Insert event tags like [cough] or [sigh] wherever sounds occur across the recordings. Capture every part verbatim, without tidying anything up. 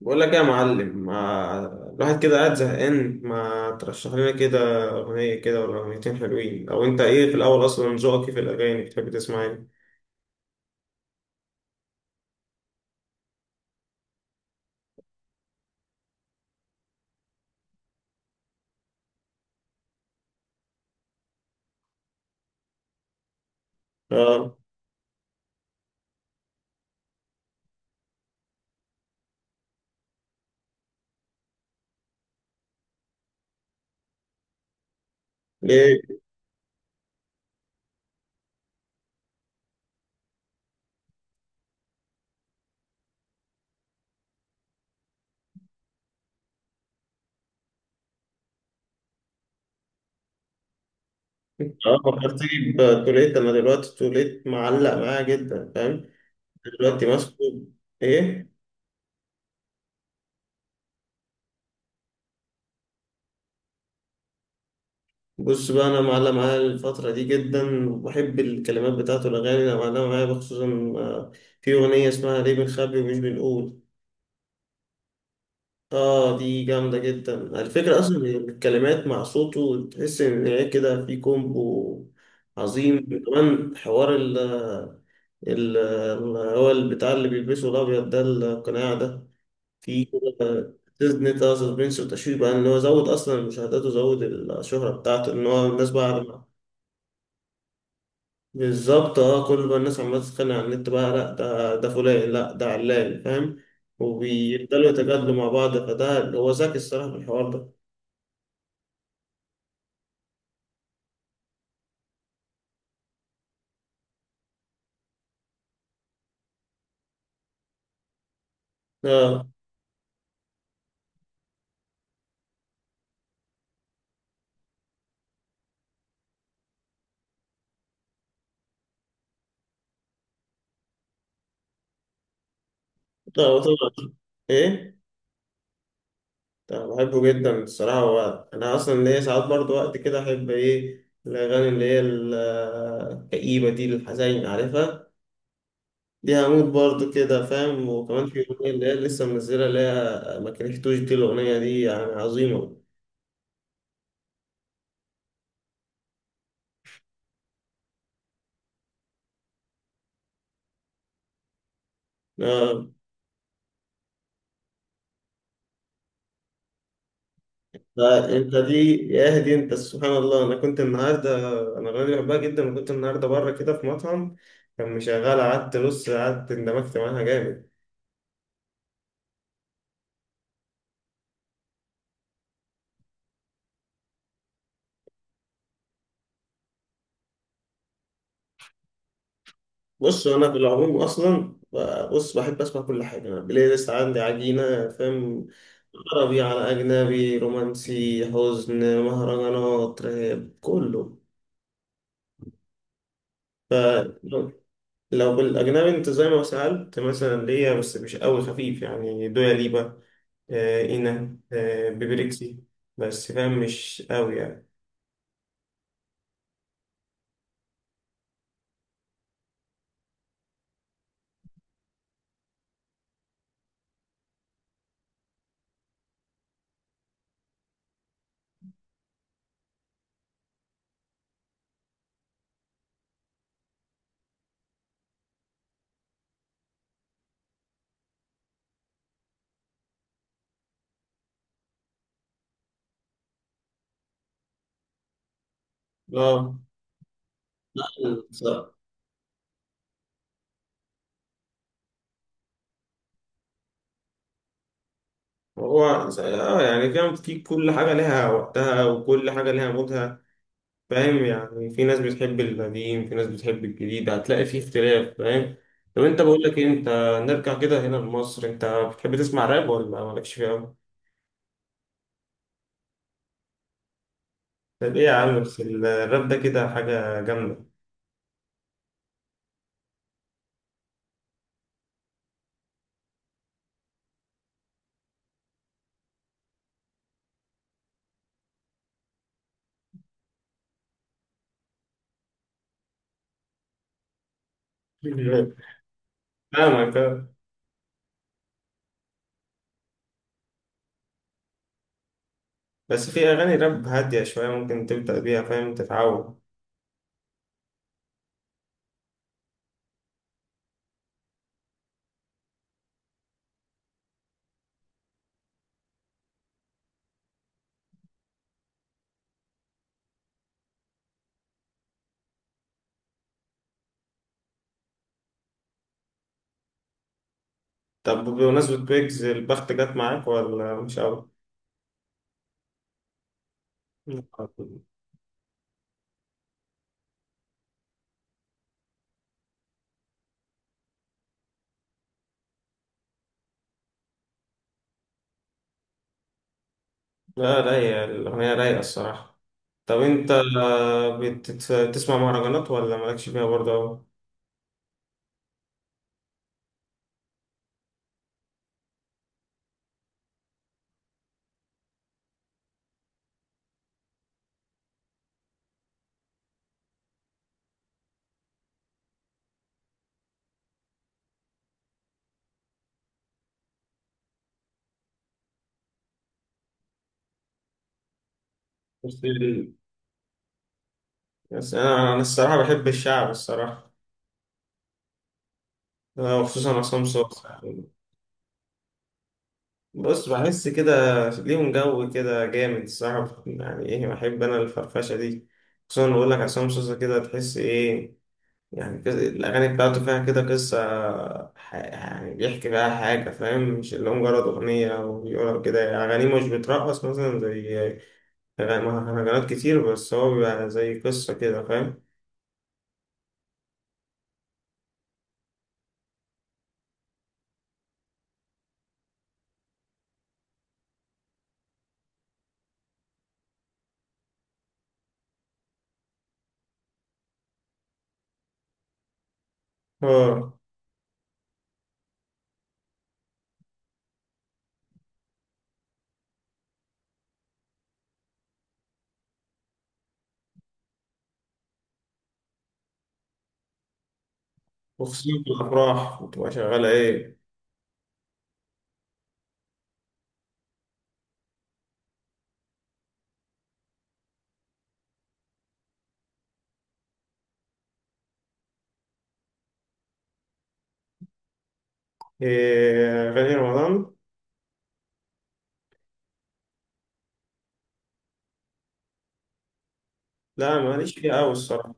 بقول لك إيه يا معلم، ما الواحد كده قاعد زهقان، ما ترشح لنا كده أغنية كده ولا أغنيتين حلوين؟ أو أنت إيه في الأول أصلا؟ ذوقك إيه في الأغاني؟ بتحب تسمع إيه؟ آه. ليه؟ آه، فكرتني بتوليت. أنا دلوقتي توليت معلق معايا جدا، فاهم؟ دلوقتي ماسكه. إيه؟ بص بقى، أنا معلق معايا الفترة دي جدا، وبحب الكلمات بتاعته، الأغاني اللي معلقة معايا خصوصا. آه، في أغنية اسمها ليه بنخبي ومش بنقول. اه دي جامدة جدا. الفكرة أصلا إن الكلمات مع صوته تحس إن هي كده في كومبو عظيم. كمان حوار ال ال ال- هو البتاع اللي بيلبسه الأبيض ده، القناع ده، في كده نتا سسبنس وتشويق بقى، إن هو زود أصلا المشاهدات وزود الشهرة بتاعته، إن هو الناس بقى عارفة. بالظبط. اه، كل بقى الناس عمالة تتخانق على النت بقى، لأ ده ده فلان لأ ده علان، فاهم؟ وبيفضلوا يتجادلوا مع بعض، فده هو ذكي الصراحة في الحوار ده. اه. طبعا طبعا. ايه. طبعا بحبه جدا الصراحه. هو انا اصلا ليا ساعات برضو وقت كده احب ايه الاغاني اللي هي ال- الكئيبه دي، الحزين، عارفها. دي هموت برضو كده فاهم. وكمان في اغنيه اللي هي لسه منزله اللي هي ما كرهتوش، دي الاغنيه دي يعني عظيمه. اه. فانت دي يا دي انت، سبحان الله، انا كنت النهارده، انا الاغنيه دي بحبها جدا، وكنت النهارده بره كده في مطعم كان مشغلها، قعدت نص قعدت اندمجت معاها جامد. بص انا في العموم اصلا ب- بص بحب اسمع كل حاجه، انا البلاي ليست عندي عجينه فاهم. عربي، على اجنبي، رومانسي، حزن، مهرجانات، راب، كله. فلو لو بالاجنبي، انت زي ما سالت مثلا ليا، بس مش قوي، خفيف يعني، دويا ليبا، آه اينا، آه بيبريكسي، بس فاهم مش قوي يعني. اه بالظبط. هو اه يعني فاهم، في كل حاجه لها وقتها، وكل حاجه لها مودها، فاهم يعني. في ناس بتحب القديم، في ناس بتحب الجديد، هتلاقي فيه اختلاف، فاهم. طب انت بقول لك إيه، انت نرجع كده هنا لمصر، انت بتحب تسمع راب ولا مالكش فيه قوي؟ طب ايه يا عم، بس الراب ده كده حاجة جامدة. [laughs] فاهمك آه. بس في اغاني راب هادية شوية، ممكن تبدأ بيها فاهم، تتعود. طب بمناسبة ويجز، البخت جت معاك ولا مش قوي؟ لا رايقة الأغنية، رايقة الصراحة. طب انت آه، بتت- بتسمع مهرجانات ولا مالكش فيها برضه أوي؟ بس بس انا انا الصراحه بحب الشعب الصراحه. أنا وخصوصا عصام صاصا. بص بحس كده ليهم جو كده جامد الصراحه، يعني ايه، بحب انا الفرفشه دي. خصوصا بقول لك عصام صاصا كده، تحس ايه، يعني كده الاغاني بتاعته فيها كده قصه. ح- يعني بيحكي بقى حاجه فاهم، مش اللي هو مجرد اغنيه او بيقول كده، اغانيه مش بترقص مثلا زي أغاني- مهرجانات كتير، بس هو بيبقى زي قصه كده فاهم. اه، وخصوصا في الأفراح بتبقى شغالة إيه؟ إيه، أغاني رمضان؟ لا ماليش فيها أوي الصراحة.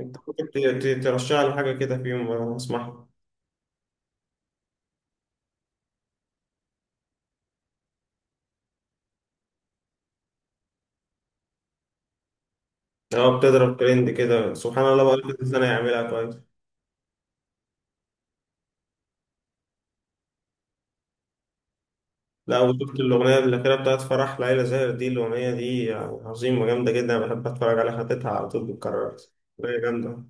أنت ممكن ت- ت- ترشح لي حاجة كده في يوم أنا أسمعها. أه بتضرب ترند كده، سبحان الله بقى كذا سنة يعملها كويس. لا وشفت الأغنية الأخيرة بتاعت فرح ليلى زاهر دي؟ الأغنية دي يعني عظيمة جامدة جدا، أنا بحب أتفرج عليها حتتها على طول بتكرر. أغنية جامدة.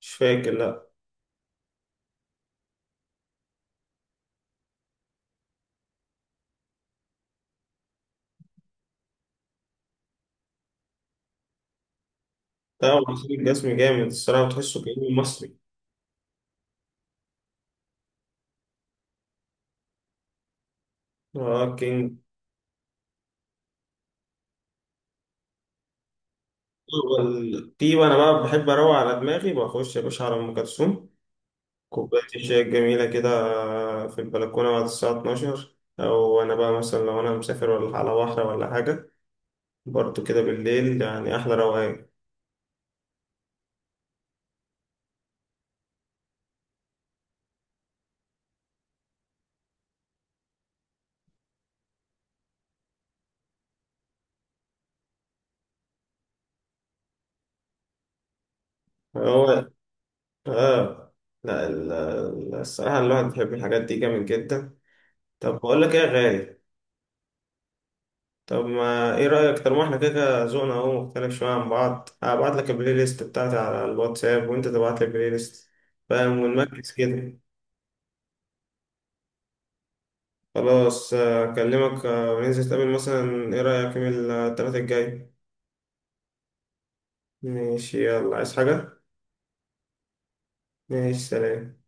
مش فاكر لأ. لا وحسين الجسمي جامد الصراحة، وتحسه كأنه مصري. أه كينج. والتي وانا بقى بحب اروق على دماغي، بخش يا باشا على ام كلثوم، كوبايه الشاي الجميله كده في البلكونه بعد الساعه اثنا عشر، او انا بقى مثلا لو انا مسافر ولا على بحر ولا حاجه، برضو كده بالليل يعني احلى روقان. هو اه، لا ال- ال- الصراحه الواحد بيحب الحاجات دي جامد جدا. طب بقول لك ايه يا غالي، طب ما ايه رايك؟ طالما احنا كده كده ذوقنا اهو مختلف شويه عن بعض، هبعت لك البلاي ليست بتاعتي على الواتساب وانت تبعت لي البلاي ليست فاهم، ونمكس كده. خلاص آه، أكلمك، آه، وننزل نتقابل مثلا، إيه رأيك يوم التلاتة الجاي؟ ماشي، يلا عايز حاجة؟ ماشي، سلام.